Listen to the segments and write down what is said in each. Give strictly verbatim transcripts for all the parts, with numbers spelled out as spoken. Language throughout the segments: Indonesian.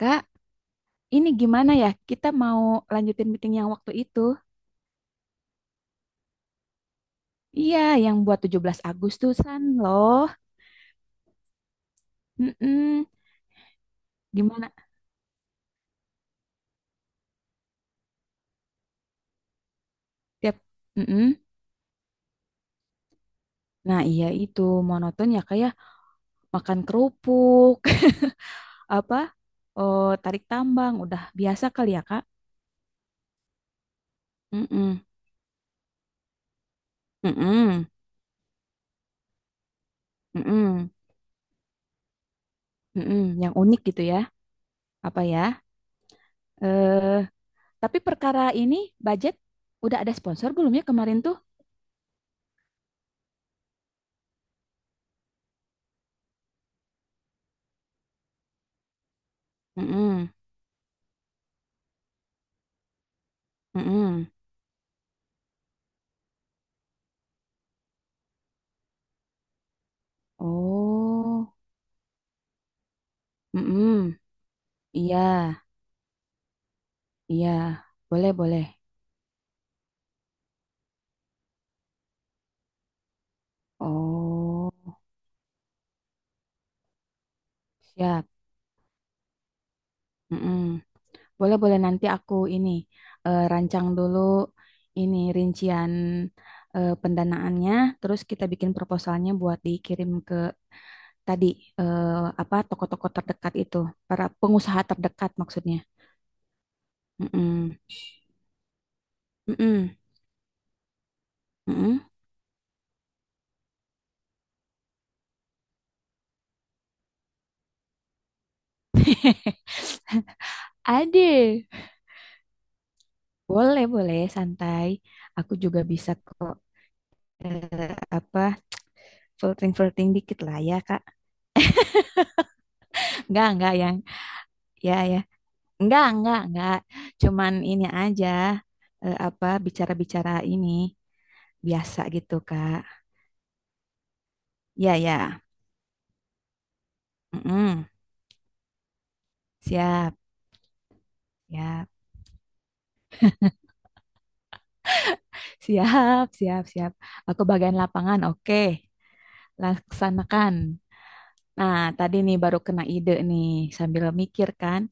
Kak, ini gimana ya? Kita mau lanjutin meeting yang waktu itu. Iya, yang buat 17 Agustusan loh. Mm-mm. Gimana? Tiap. Mm-mm. Nah, iya itu monoton ya kayak makan kerupuk, apa? Oh, tarik tambang udah biasa kali ya, Kak? Mm-mm. Mm-mm. Mm-mm. Mm-mm. Yang unik gitu ya. Apa ya? Eh, tapi perkara ini budget udah ada sponsor belum ya kemarin tuh? Mm-mm. Mm-mm. Oh. Mm-mm. Iya, iya. Boleh, boleh. Oh, siap. Mm-mm. Boleh, boleh. Nanti aku ini eh, rancang dulu ini rincian eh, pendanaannya. Terus kita bikin proposalnya buat dikirim ke tadi eh, apa toko-toko terdekat itu, para pengusaha terdekat maksudnya. Mm-mm. Mm-mm. Mm-mm. Ade, boleh, boleh, santai. Aku juga bisa kok eh, apa flirting flirting dikit lah ya kak. nggak nggak yang ya ya nggak nggak nggak cuman ini aja eh, apa bicara bicara ini biasa gitu kak. Ya ya. Mm-mm. Siap siap siap. Siap siap. Aku bagian lapangan. Oke, laksanakan. Nah tadi nih baru kena ide nih sambil mikir kan.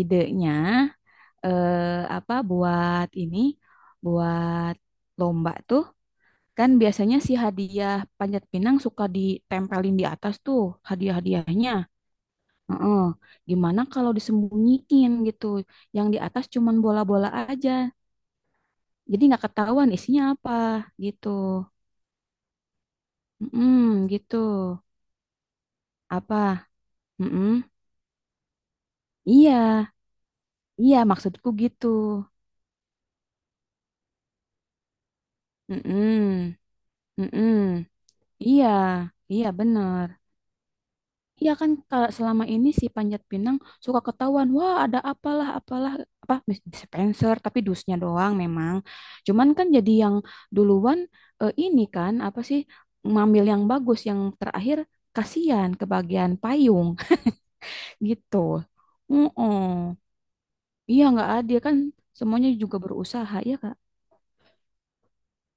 Idenya eh, apa buat ini buat lomba tuh. Kan biasanya si hadiah panjat pinang suka ditempelin di atas tuh hadiah-hadiahnya. Heeh. Gimana kalau disembunyiin gitu? Yang di atas cuman bola-bola aja. Jadi nggak ketahuan isinya apa gitu. Mm gitu. Apa? Mm. Iya, iya maksudku gitu. Mm-mm, mm-mm. Iya, iya bener. Iya kan kalau selama ini si Panjat Pinang suka ketahuan, wah ada apalah apalah apa mis- dispenser tapi dusnya doang memang. Cuman kan jadi yang duluan eh, ini kan apa sih ngambil yang bagus yang terakhir kasihan ke bagian payung gitu. Heeh. Iya nggak adil kan semuanya juga berusaha ya Kak.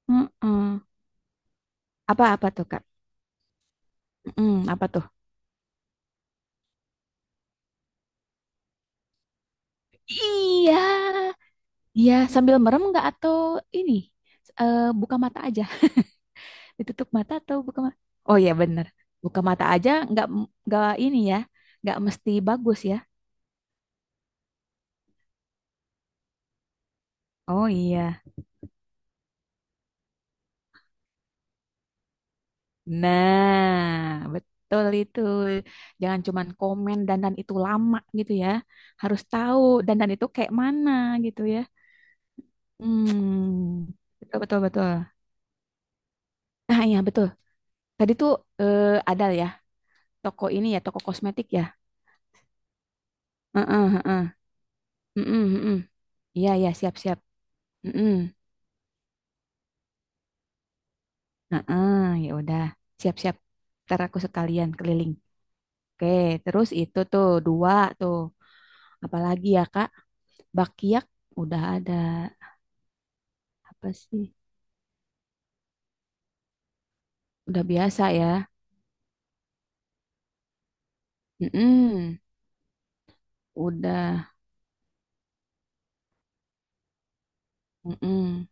Heeh. Apa-apa tuh Kak? Mm, apa tuh? Iya. Iya sambil merem nggak atau ini eh, buka mata aja. Ditutup mata atau buka mata? Oh iya bener. Buka mata aja nggak nggak ini ya. Nggak mesti bagus ya. Oh iya. Nah, betul itu. Jangan cuman komen dandan itu lama gitu ya. Harus tahu dandan itu kayak mana gitu ya. Hmm. Betul betul betul. Nah, iya betul. Tadi tuh eh, ada ya toko ini ya, toko kosmetik ya. Heeh, heeh. Heeh, heeh. Iya, iya, siap-siap. Heeh. Heeh, ya udah. Siap-siap. Ntar aku sekalian keliling. Oke, terus itu tuh dua tuh. Apalagi ya, Kak? Bakiak udah ada. Apa sih? Udah biasa ya. Mm-mm, udah. Mm-mm,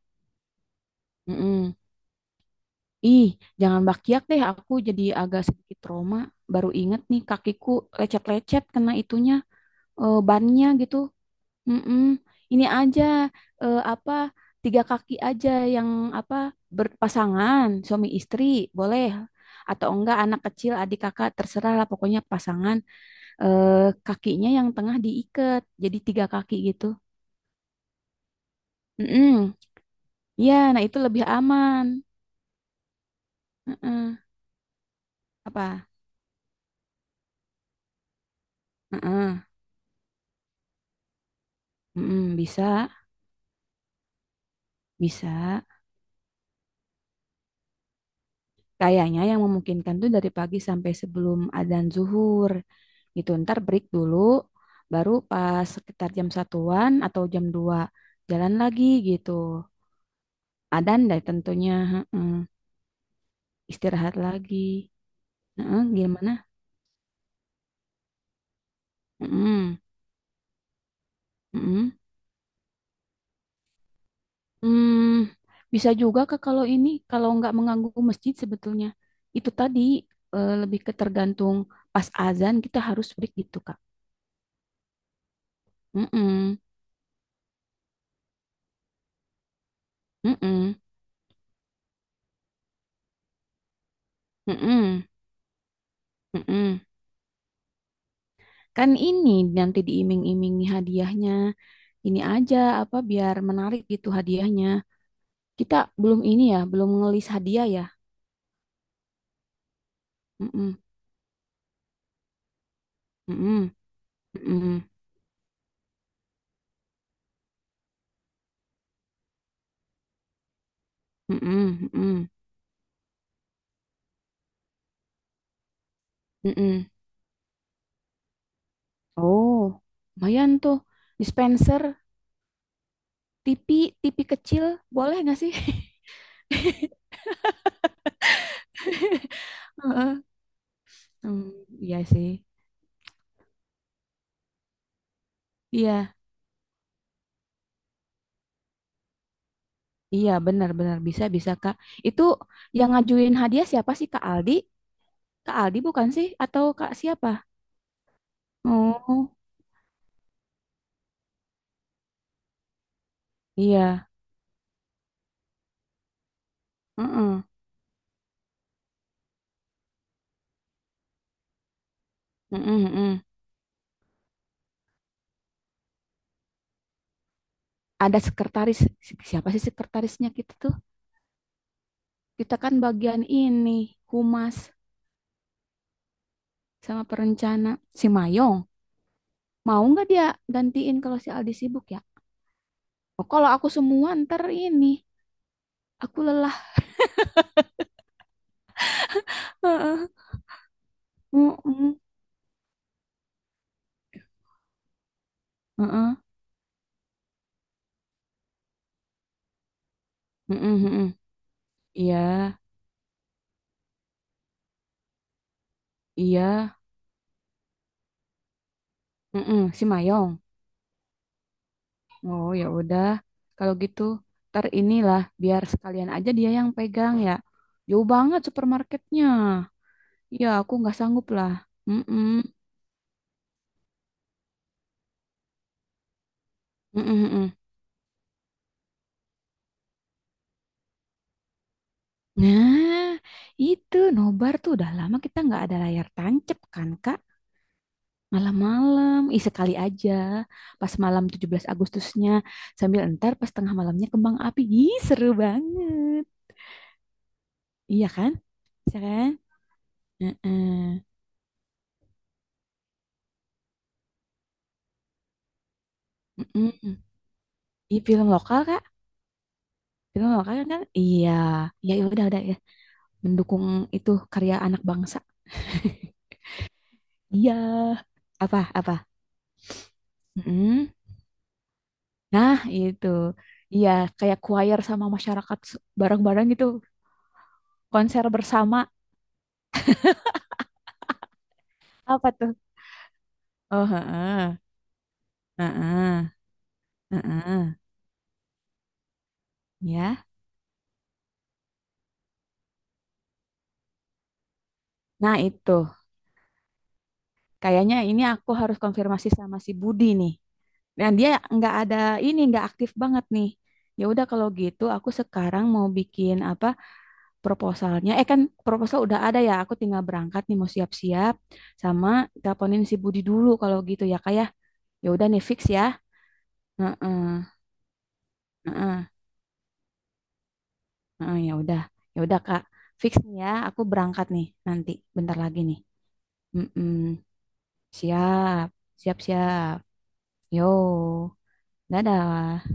mm-mm. Ih, jangan bakiak deh. Aku jadi agak sedikit trauma. Baru inget nih kakiku lecet-lecet kena itunya eh, bannya gitu. Mm-mm. Ini aja eh, apa tiga kaki aja yang apa berpasangan suami istri boleh atau enggak anak kecil adik kakak terserah lah pokoknya pasangan eh, kakinya yang tengah diikat jadi tiga kaki gitu. Mm-mm. Ya, nah itu lebih aman. Mm-mm. Apa? Mm-mm. Mm-mm. Bisa, bisa. Kayaknya yang memungkinkan tuh dari pagi sampai sebelum adzan zuhur gitu. Ntar break dulu, baru pas sekitar jam satuan atau jam dua jalan lagi gitu. Adzan deh tentunya, heeh. Istirahat lagi. Heeh, gimana? Heeh, heeh. Hmm, bisa juga Kak kalau ini kalau nggak mengganggu masjid sebetulnya. Itu tadi eh, lebih ke tergantung pas azan kita harus break gitu Kak. Heeh, heeh, heeh, heeh. Kan ini nanti diiming-imingi hadiahnya. Ini aja apa biar menarik gitu hadiahnya. Kita belum ini ya, belum ngelis hadiah ya. Mm-mm, mm-mm, mm-mm, mm-mm, mm-mm, mm-mm. Oh, lumayan tuh. Dispenser, T V, T V kecil, boleh nggak sih? Heeh. Hmm, iya sih. Iya, iya benar-benar bisa bisa Kak. Itu yang ngajuin hadiah siapa sih Kak Aldi? Kak Aldi bukan sih? Atau Kak siapa? Oh, iya. Heeh, heeh, heeh. Ada sekretaris. Si- Siapa sih sekretarisnya kita tuh? Kita kan bagian ini, humas sama perencana. Si Mayong. Mau nggak dia gantiin kalau si Aldi sibuk ya? Oh, kalau aku semua ntar ini. Aku lelah. Heeh, heeh, heeh, heeh, heeh. Iya, iya. Heeh, si Mayong. Oh ya udah. Kalau gitu ntar inilah biar sekalian aja dia yang pegang ya. Jauh banget supermarketnya. Ya, aku nggak sanggup lah. Mm-mm. Mm-mm, mm-mm. Nah, itu nobar tuh udah lama kita nggak ada layar tancep kan, Kak? Malam-malam, ih sekali aja. Pas malam tujuh belas Agustusnya, sambil entar pas tengah malamnya kembang api. Ih, seru banget. Iya kan? Bisa kan? Heeh. Mm. Ih, film lokal, Kak? Film lokal kan? Kan? Iya. Ya, ya udah, udah ya. Mendukung itu karya anak bangsa. Iya. Apa, apa? Mm. Nah, itu. Iya, kayak choir sama masyarakat s- bareng-bareng gitu. Konser bersama. Apa tuh? Oh, heeh. Heeh. Heeh. Ya. Nah, itu. Kayaknya ini aku harus konfirmasi sama si Budi nih. Dan dia nggak ada ini, nggak aktif banget nih. Ya udah kalau gitu aku sekarang mau bikin apa proposalnya. Eh kan proposal udah ada ya. Aku tinggal berangkat nih mau siap-siap sama teleponin si Budi dulu kalau gitu ya kayak. Ya ya udah nih fix ya. Heeh. Heeh. Heeh, ya udah, ya udah Kak, fix nih ya, aku berangkat nih nanti, bentar lagi nih. Mm-mm. Siap, siap, siap. Yo, dadah.